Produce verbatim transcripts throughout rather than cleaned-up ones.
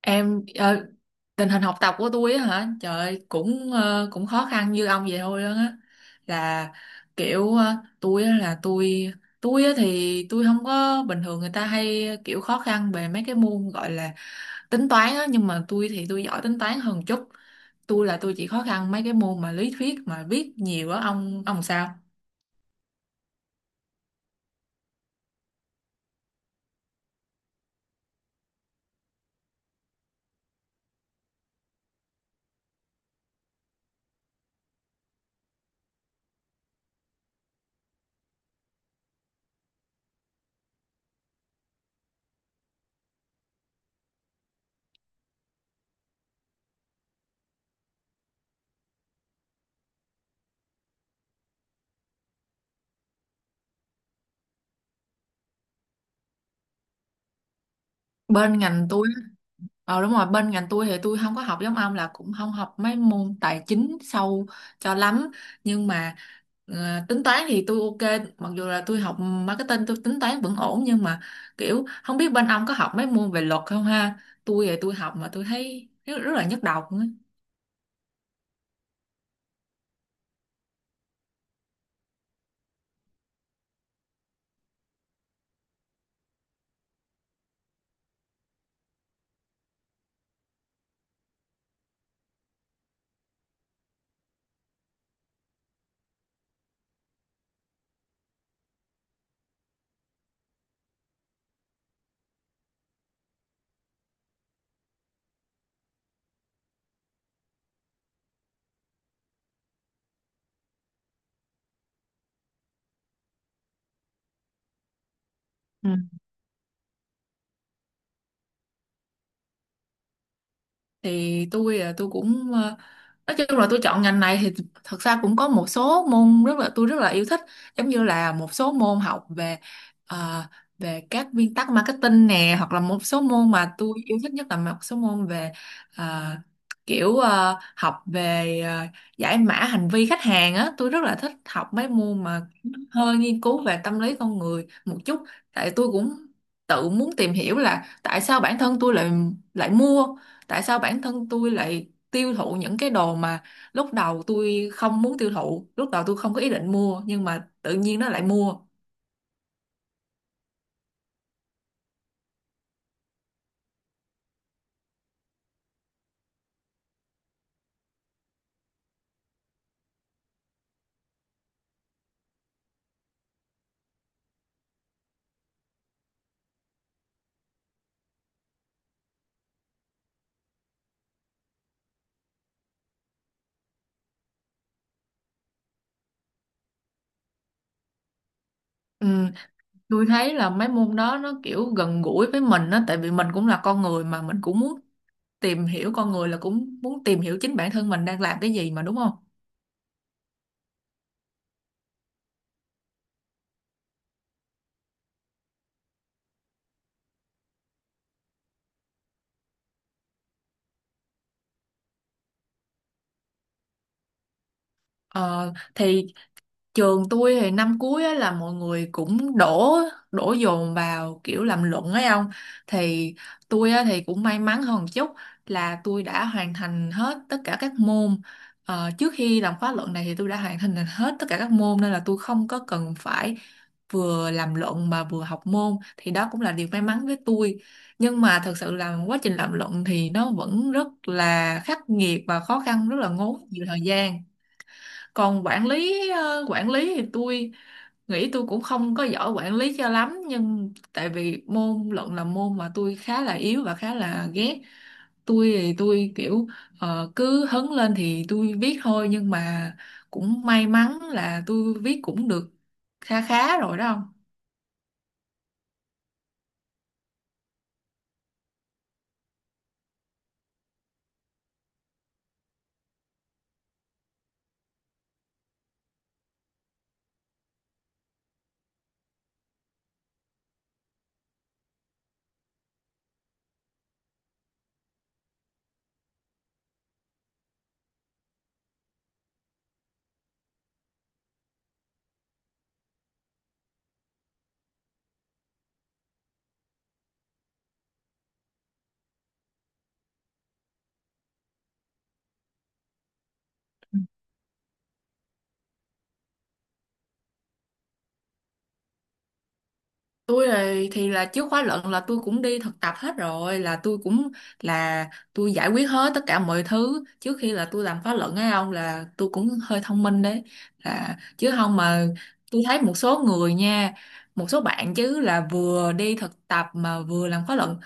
em ờ, Tình hình học tập của tôi á hả, trời ơi, cũng ờ, cũng khó khăn như ông vậy thôi đó á, là kiểu ờ, tôi á là tôi tôi á thì tôi không có, bình thường người ta hay kiểu khó khăn về mấy cái môn gọi là tính toán á, nhưng mà tôi thì tôi giỏi tính toán hơn chút. Tôi là tôi chỉ khó khăn mấy cái môn mà lý thuyết mà viết nhiều á. Ông ông sao bên ngành tôi Ờ Đúng rồi, bên ngành tôi thì tôi không có học giống ông, là cũng không học mấy môn tài chính sâu cho lắm, nhưng mà ờ, tính toán thì tôi ok. Mặc dù là tôi học marketing tôi tính toán vẫn ổn, nhưng mà kiểu không biết bên ông có học mấy môn về luật không ha? Tôi thì tôi học mà tôi thấy rất, rất là nhức đầu luôn á. Thì tôi là tôi cũng ờ, nói chung là tôi chọn ngành này thì thật ra cũng có một số môn rất là, tôi rất là yêu thích, giống như là một số môn học về ờ, về các nguyên tắc marketing nè, hoặc là một số môn mà tôi yêu thích nhất là một số môn về ờ, kiểu ờ, học về ờ, giải mã hành vi khách hàng á. Tôi rất là thích học mấy môn mà hơi nghiên cứu về tâm lý con người một chút. Tại tôi cũng tự muốn tìm hiểu là tại sao bản thân tôi lại lại mua tại sao bản thân tôi lại tiêu thụ những cái đồ mà lúc đầu tôi không muốn tiêu thụ, lúc đầu tôi không có ý định mua, nhưng mà tự nhiên nó lại mua. Ừ, tôi thấy là mấy môn đó nó kiểu gần gũi với mình á, tại vì mình cũng là con người mà mình cũng muốn tìm hiểu con người, là cũng muốn tìm hiểu chính bản thân mình đang làm cái gì mà, đúng không? Ờ, thì trường tôi thì năm cuối á, là mọi người cũng đổ đổ dồn vào kiểu làm luận ấy ông. Thì tôi á, thì cũng may mắn hơn một chút là tôi đã hoàn thành hết tất cả các môn. Ờ, trước khi làm khóa luận này thì tôi đã hoàn thành hết tất cả các môn, nên là tôi không có cần phải vừa làm luận mà vừa học môn, thì đó cũng là điều may mắn với tôi. Nhưng mà thật sự là quá trình làm luận thì nó vẫn rất là khắc nghiệt và khó khăn, rất là ngốn nhiều thời gian. Còn quản lý ờ, quản lý thì tôi nghĩ tôi cũng không có giỏi quản lý cho lắm, nhưng tại vì môn luận là môn mà tôi khá là yếu và khá là ghét. Tôi thì tôi kiểu ờ, cứ hứng lên thì tôi viết thôi, nhưng mà cũng may mắn là tôi viết cũng được kha khá rồi đó không. Tôi thì, thì là trước khóa luận là tôi cũng đi thực tập hết rồi, là tôi cũng là tôi giải quyết hết tất cả mọi thứ trước khi là tôi làm khóa luận ấy ông, là tôi cũng hơi thông minh đấy, là chứ không mà tôi thấy một số người nha, một số bạn chứ là vừa đi thực tập mà vừa làm khóa luận,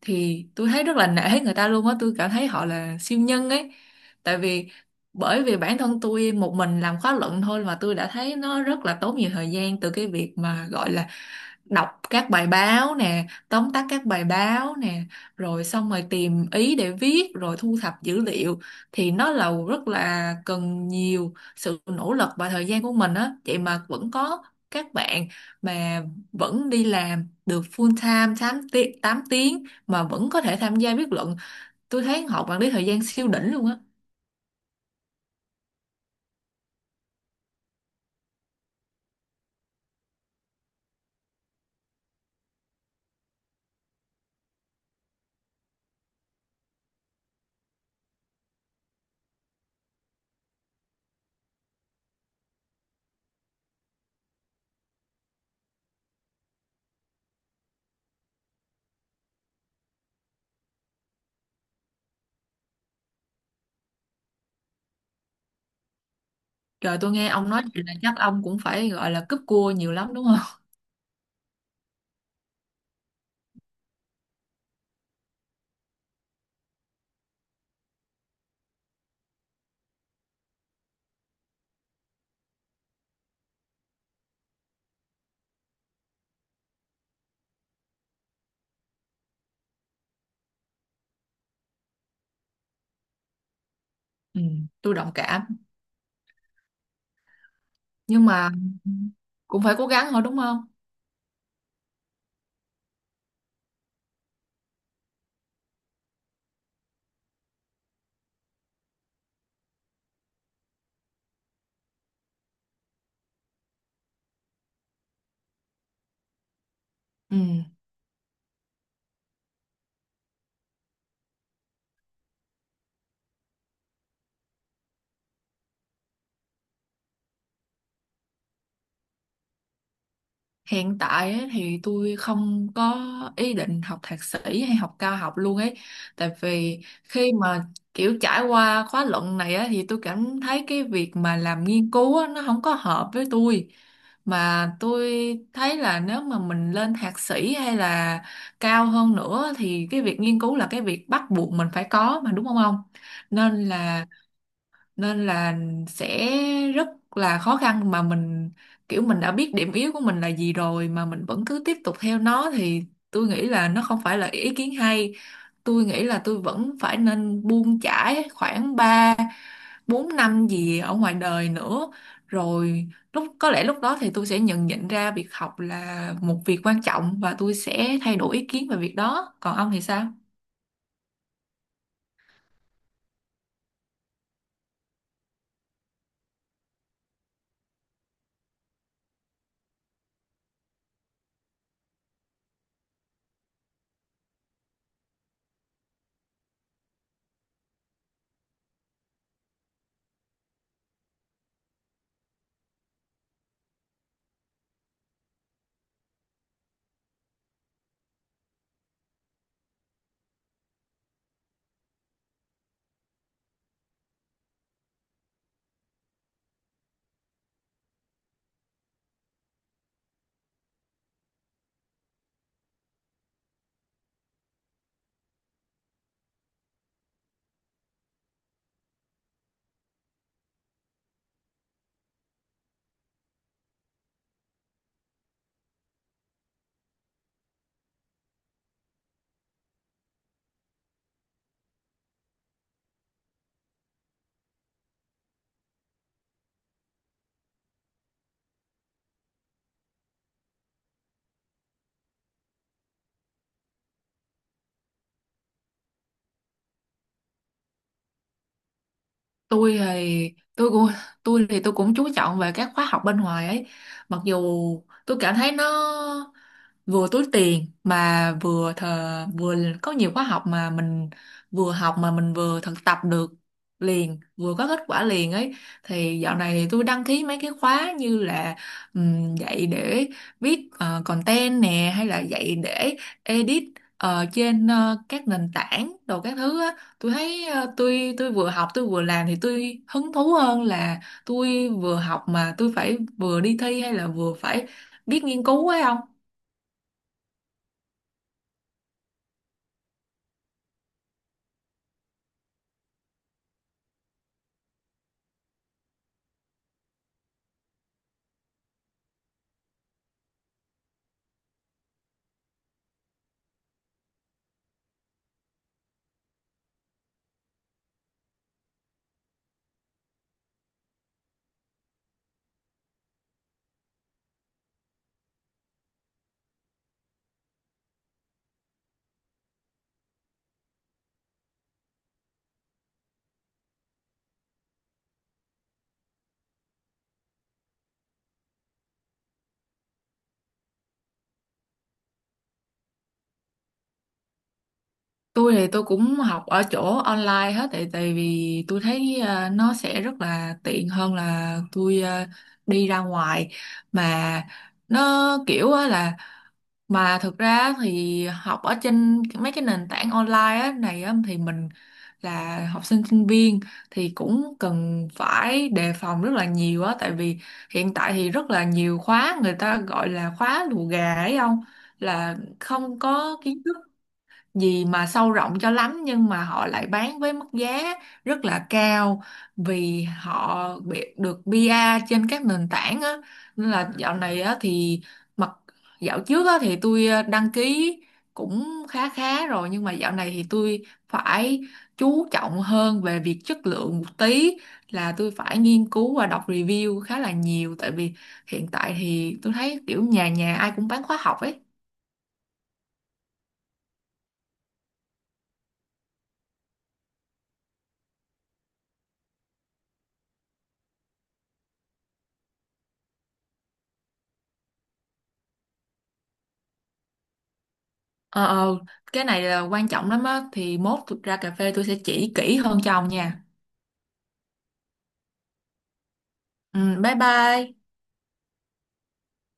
thì tôi thấy rất là nể người ta luôn á, tôi cảm thấy họ là siêu nhân ấy. Tại vì, bởi vì bản thân tôi một mình làm khóa luận thôi mà tôi đã thấy nó rất là tốn nhiều thời gian, từ cái việc mà gọi là đọc các bài báo nè, tóm tắt các bài báo nè, rồi xong rồi tìm ý để viết, rồi thu thập dữ liệu, thì nó là rất là cần nhiều sự nỗ lực và thời gian của mình á, vậy mà vẫn có các bạn mà vẫn đi làm được full time tám tiếng, tám tiếng mà vẫn có thể tham gia viết luận. Tôi thấy họ quản lý thời gian siêu đỉnh luôn á. Trời, tôi nghe ông nói vậy là chắc ông cũng phải gọi là cúp cua nhiều lắm đúng không? Ừ, tôi đồng cảm. Nhưng mà cũng phải cố gắng thôi đúng không. Ừ, hiện tại ấy, thì tôi không có ý định học thạc sĩ hay học cao học luôn ấy. Tại vì khi mà kiểu trải qua khóa luận này á thì tôi cảm thấy cái việc mà làm nghiên cứu á, nó không có hợp với tôi. Mà tôi thấy là nếu mà mình lên thạc sĩ hay là cao hơn nữa thì cái việc nghiên cứu là cái việc bắt buộc mình phải có mà, đúng không ông? Nên là nên là sẽ rất là khó khăn, mà mình kiểu mình đã biết điểm yếu của mình là gì rồi mà mình vẫn cứ tiếp tục theo nó thì tôi nghĩ là nó không phải là ý kiến hay. Tôi nghĩ là tôi vẫn phải nên buông chải khoảng ba bốn năm gì ở ngoài đời nữa, rồi lúc, có lẽ lúc đó thì tôi sẽ nhận nhận ra việc học là một việc quan trọng và tôi sẽ thay đổi ý kiến về việc đó. Còn ông thì sao? Tôi thì tôi cũng tôi thì tôi cũng chú trọng về các khóa học bên ngoài ấy. Mặc dù tôi cảm thấy nó vừa túi tiền mà vừa thờ vừa có nhiều khóa học mà mình vừa học mà mình vừa thực tập được liền, vừa có kết quả liền ấy. Thì dạo này thì tôi đăng ký mấy cái khóa như là ừm, dạy để viết ờ, content nè, hay là dạy để edit ờ, trên ờ, các nền tảng đồ các thứ á. Tôi thấy ờ, tôi tôi vừa học tôi vừa làm thì tôi hứng thú hơn là tôi vừa học mà tôi phải vừa đi thi hay là vừa phải biết nghiên cứu ấy không. Tôi thì tôi cũng học ở chỗ online hết, tại tại vì tôi thấy ờ, nó sẽ rất là tiện hơn là tôi ờ, đi ra ngoài. Mà nó kiểu á là, mà thực ra thì học ở trên mấy cái nền tảng online á này á thì mình là học sinh sinh viên thì cũng cần phải đề phòng rất là nhiều á, tại vì hiện tại thì rất là nhiều khóa người ta gọi là khóa lùa gà ấy không, là không có kiến thức gì mà sâu rộng cho lắm, nhưng mà họ lại bán với mức giá rất là cao vì họ bị được pê rờ trên các nền tảng á. Nên là dạo này á thì mặc dạo trước á thì tôi ờ, đăng ký cũng khá khá rồi, nhưng mà dạo này thì tôi phải chú trọng hơn về việc chất lượng một tí, là tôi phải nghiên cứu và đọc review khá là nhiều, tại vì hiện tại thì tôi thấy kiểu nhà nhà ai cũng bán khóa học ấy. Ờ, ờ, cái này là quan trọng lắm á, thì mốt thực ra cà phê tôi sẽ chỉ kỹ hơn cho ông nha. Ừ, bye bye.